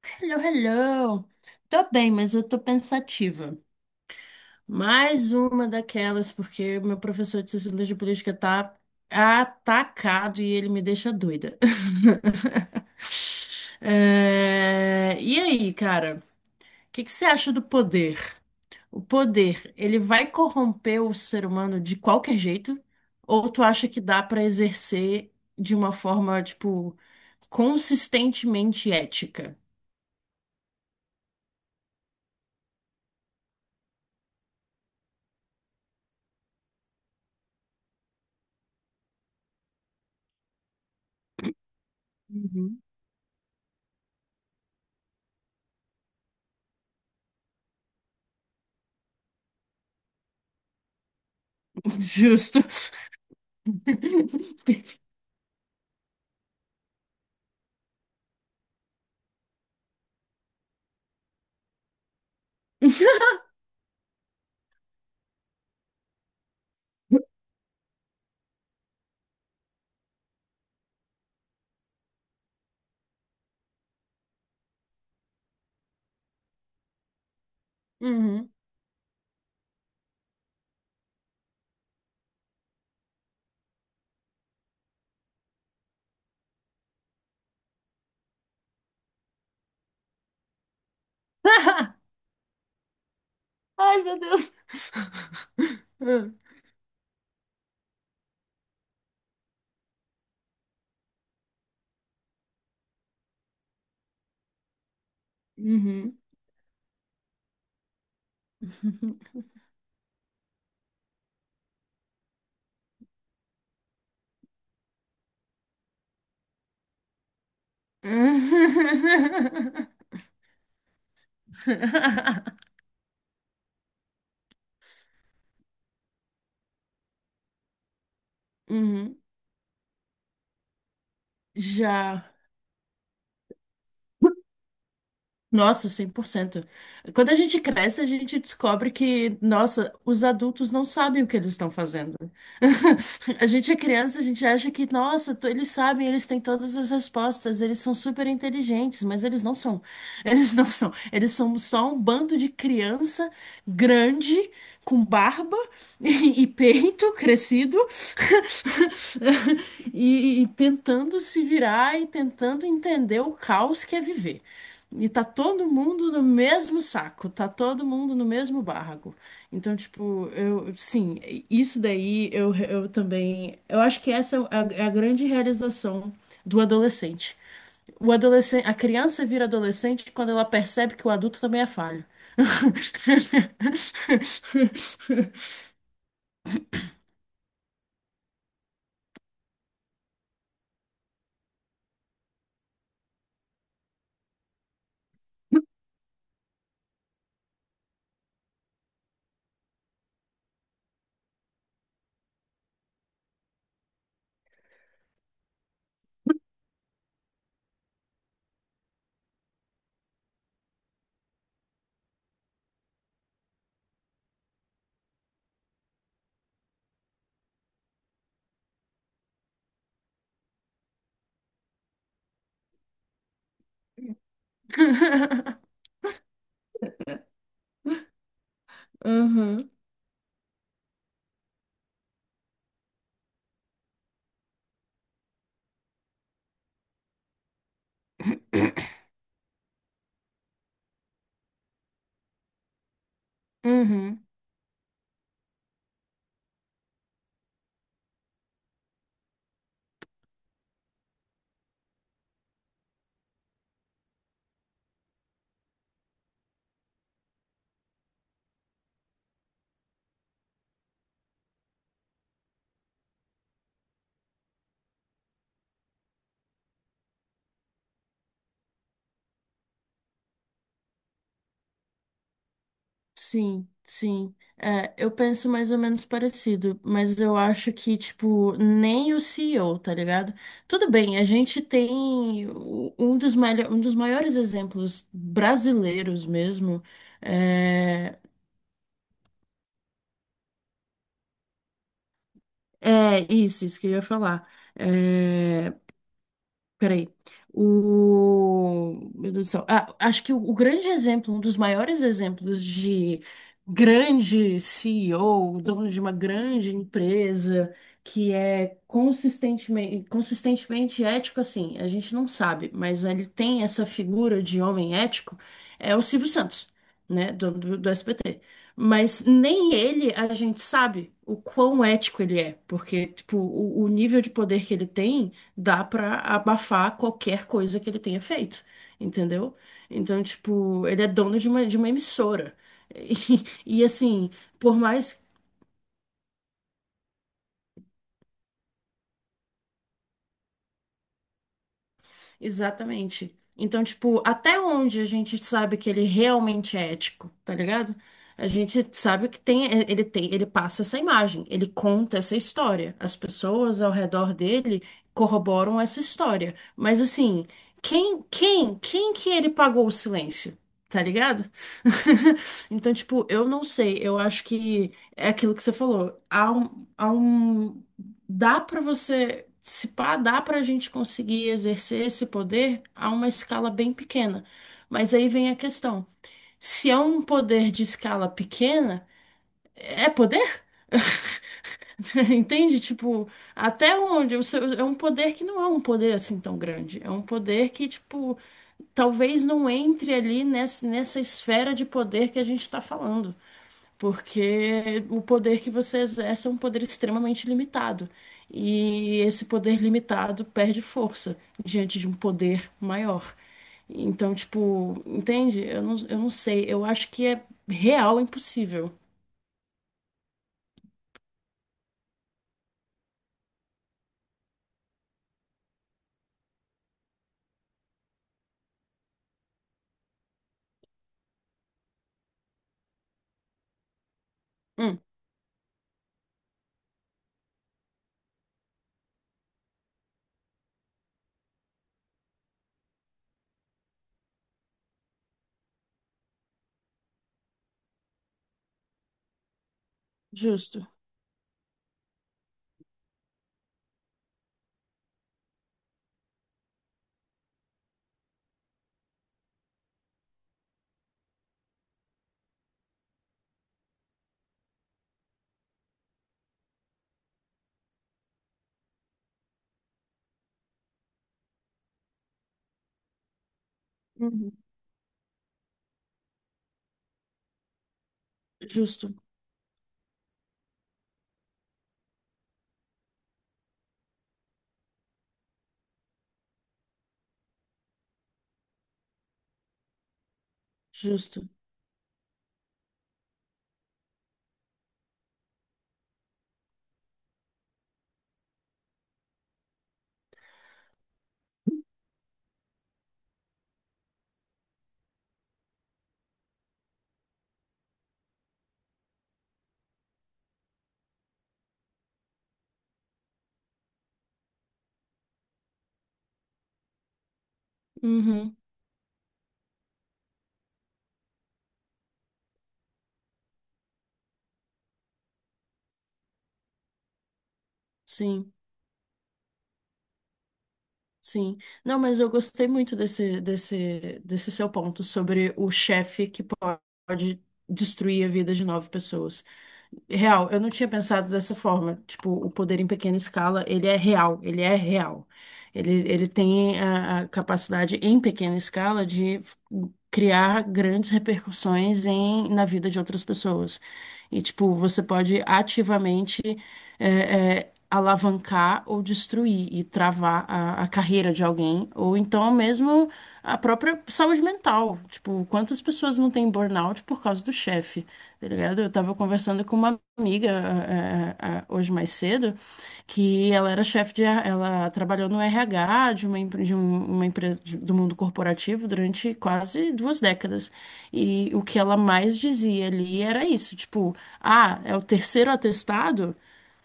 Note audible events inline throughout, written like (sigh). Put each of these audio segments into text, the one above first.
Hello, hello. Tô bem, mas eu tô pensativa. Mais uma daquelas, porque meu professor de Sociologia Política tá atacado e ele me deixa doida. (laughs) É, e aí, cara, o que que você acha do poder? O poder, ele vai corromper o ser humano de qualquer jeito? Ou tu acha que dá pra exercer de uma forma, tipo, consistentemente ética? Uhum. Justo. (laughs) Uhum. (laughs) Ai, meu Deus. Uhum. (laughs) Uhum. Já. Nossa, 100%. Quando a gente cresce, a gente descobre que, nossa, os adultos não sabem o que eles estão fazendo. (laughs) A gente é criança, a gente acha que, nossa, eles sabem, eles têm todas as respostas, eles são super inteligentes, mas eles não são. (laughs) Eles não são. Eles são só um bando de criança grande, com barba (laughs) e peito crescido, (laughs) e tentando se virar e tentando entender o caos que é viver. E tá todo mundo no mesmo saco, tá todo mundo no mesmo barraco. Então, tipo, eu, sim, isso daí eu também. Eu acho que essa é a grande realização do adolescente. O adolescente, a criança vira adolescente quando ela percebe que o adulto também é falho. (laughs) (laughs) Uhum. Uhum, sim, sim. É, eu penso mais ou menos parecido, mas eu acho que, tipo, nem o CEO, tá ligado? Tudo bem, a gente tem um dos, um dos maiores exemplos brasileiros mesmo. É, é isso, isso que eu ia falar. É, peraí. Meu Deus do céu. Ah, acho que o grande exemplo, um dos maiores exemplos de grande CEO, dono de uma grande empresa, que é consistentemente, consistentemente ético, assim, a gente não sabe, mas ele tem essa figura de homem ético, é o Silvio Santos, né, do SBT. Mas nem ele a gente sabe o quão ético ele é, porque, tipo, o nível de poder que ele tem dá pra abafar qualquer coisa que ele tenha feito, entendeu? Então, tipo, ele é dono de uma emissora. (laughs) E, assim, por mais. Exatamente. Então, tipo, até onde a gente sabe que ele realmente é ético, tá ligado? A gente sabe que tem, é, ele tem, ele passa essa imagem, ele conta essa história. As pessoas ao redor dele corroboram essa história. Mas assim, quem que ele pagou o silêncio? Tá ligado? (laughs) Então, tipo, eu não sei. Eu acho que é aquilo que você falou. Há um dá para você, se pá, dá para a gente conseguir exercer esse poder a uma escala bem pequena. Mas aí vem a questão: se é um poder de escala pequena, é poder? (laughs) Entende? Tipo, até onde? É um poder que não é um poder assim tão grande. É um poder que, tipo, talvez não entre ali nessa esfera de poder que a gente está falando. Porque o poder que você exerce é um poder extremamente limitado. E esse poder limitado perde força diante de um poder maior. Então, tipo, entende? Eu não sei. Eu acho que é real impossível. Hum, justo. Uhum. Justo, justo. Uhum. Sim, sim. Não, mas eu gostei muito desse seu ponto sobre o chefe que pode destruir a vida de nove pessoas. Real, eu não tinha pensado dessa forma. Tipo, o poder em pequena escala, ele é real, ele é real. Ele tem a capacidade em pequena escala de criar grandes repercussões em, na vida de outras pessoas. E, tipo, você pode ativamente alavancar ou destruir e travar a carreira de alguém, ou então mesmo a própria saúde mental. Tipo, quantas pessoas não têm burnout por causa do chefe, tá ligado? Eu tava conversando com uma amiga hoje mais cedo, que ela era chefe de, R- ela trabalhou no RH de uma empresa do mundo corporativo durante quase duas décadas. E o que ela mais dizia ali era isso, tipo, ah, é o terceiro atestado?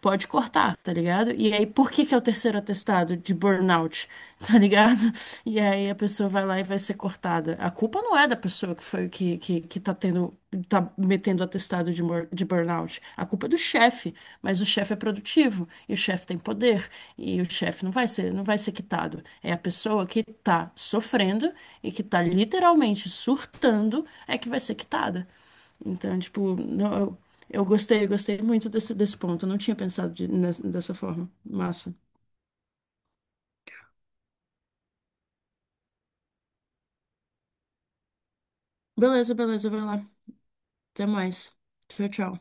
Pode cortar, tá ligado? E aí, por que que é o terceiro atestado de burnout, (laughs) tá ligado? E aí a pessoa vai lá e vai ser cortada. A culpa não é da pessoa que foi que tá tendo, tá metendo atestado de burnout. A culpa é do chefe, mas o chefe é produtivo e o chefe tem poder e o chefe não vai ser quitado. É a pessoa que tá sofrendo e que tá literalmente surtando é que vai ser quitada. Então, tipo, não, eu gostei muito desse ponto. Eu não tinha pensado dessa forma. Massa. Beleza, beleza, vai lá. Até mais. Tchau, tchau.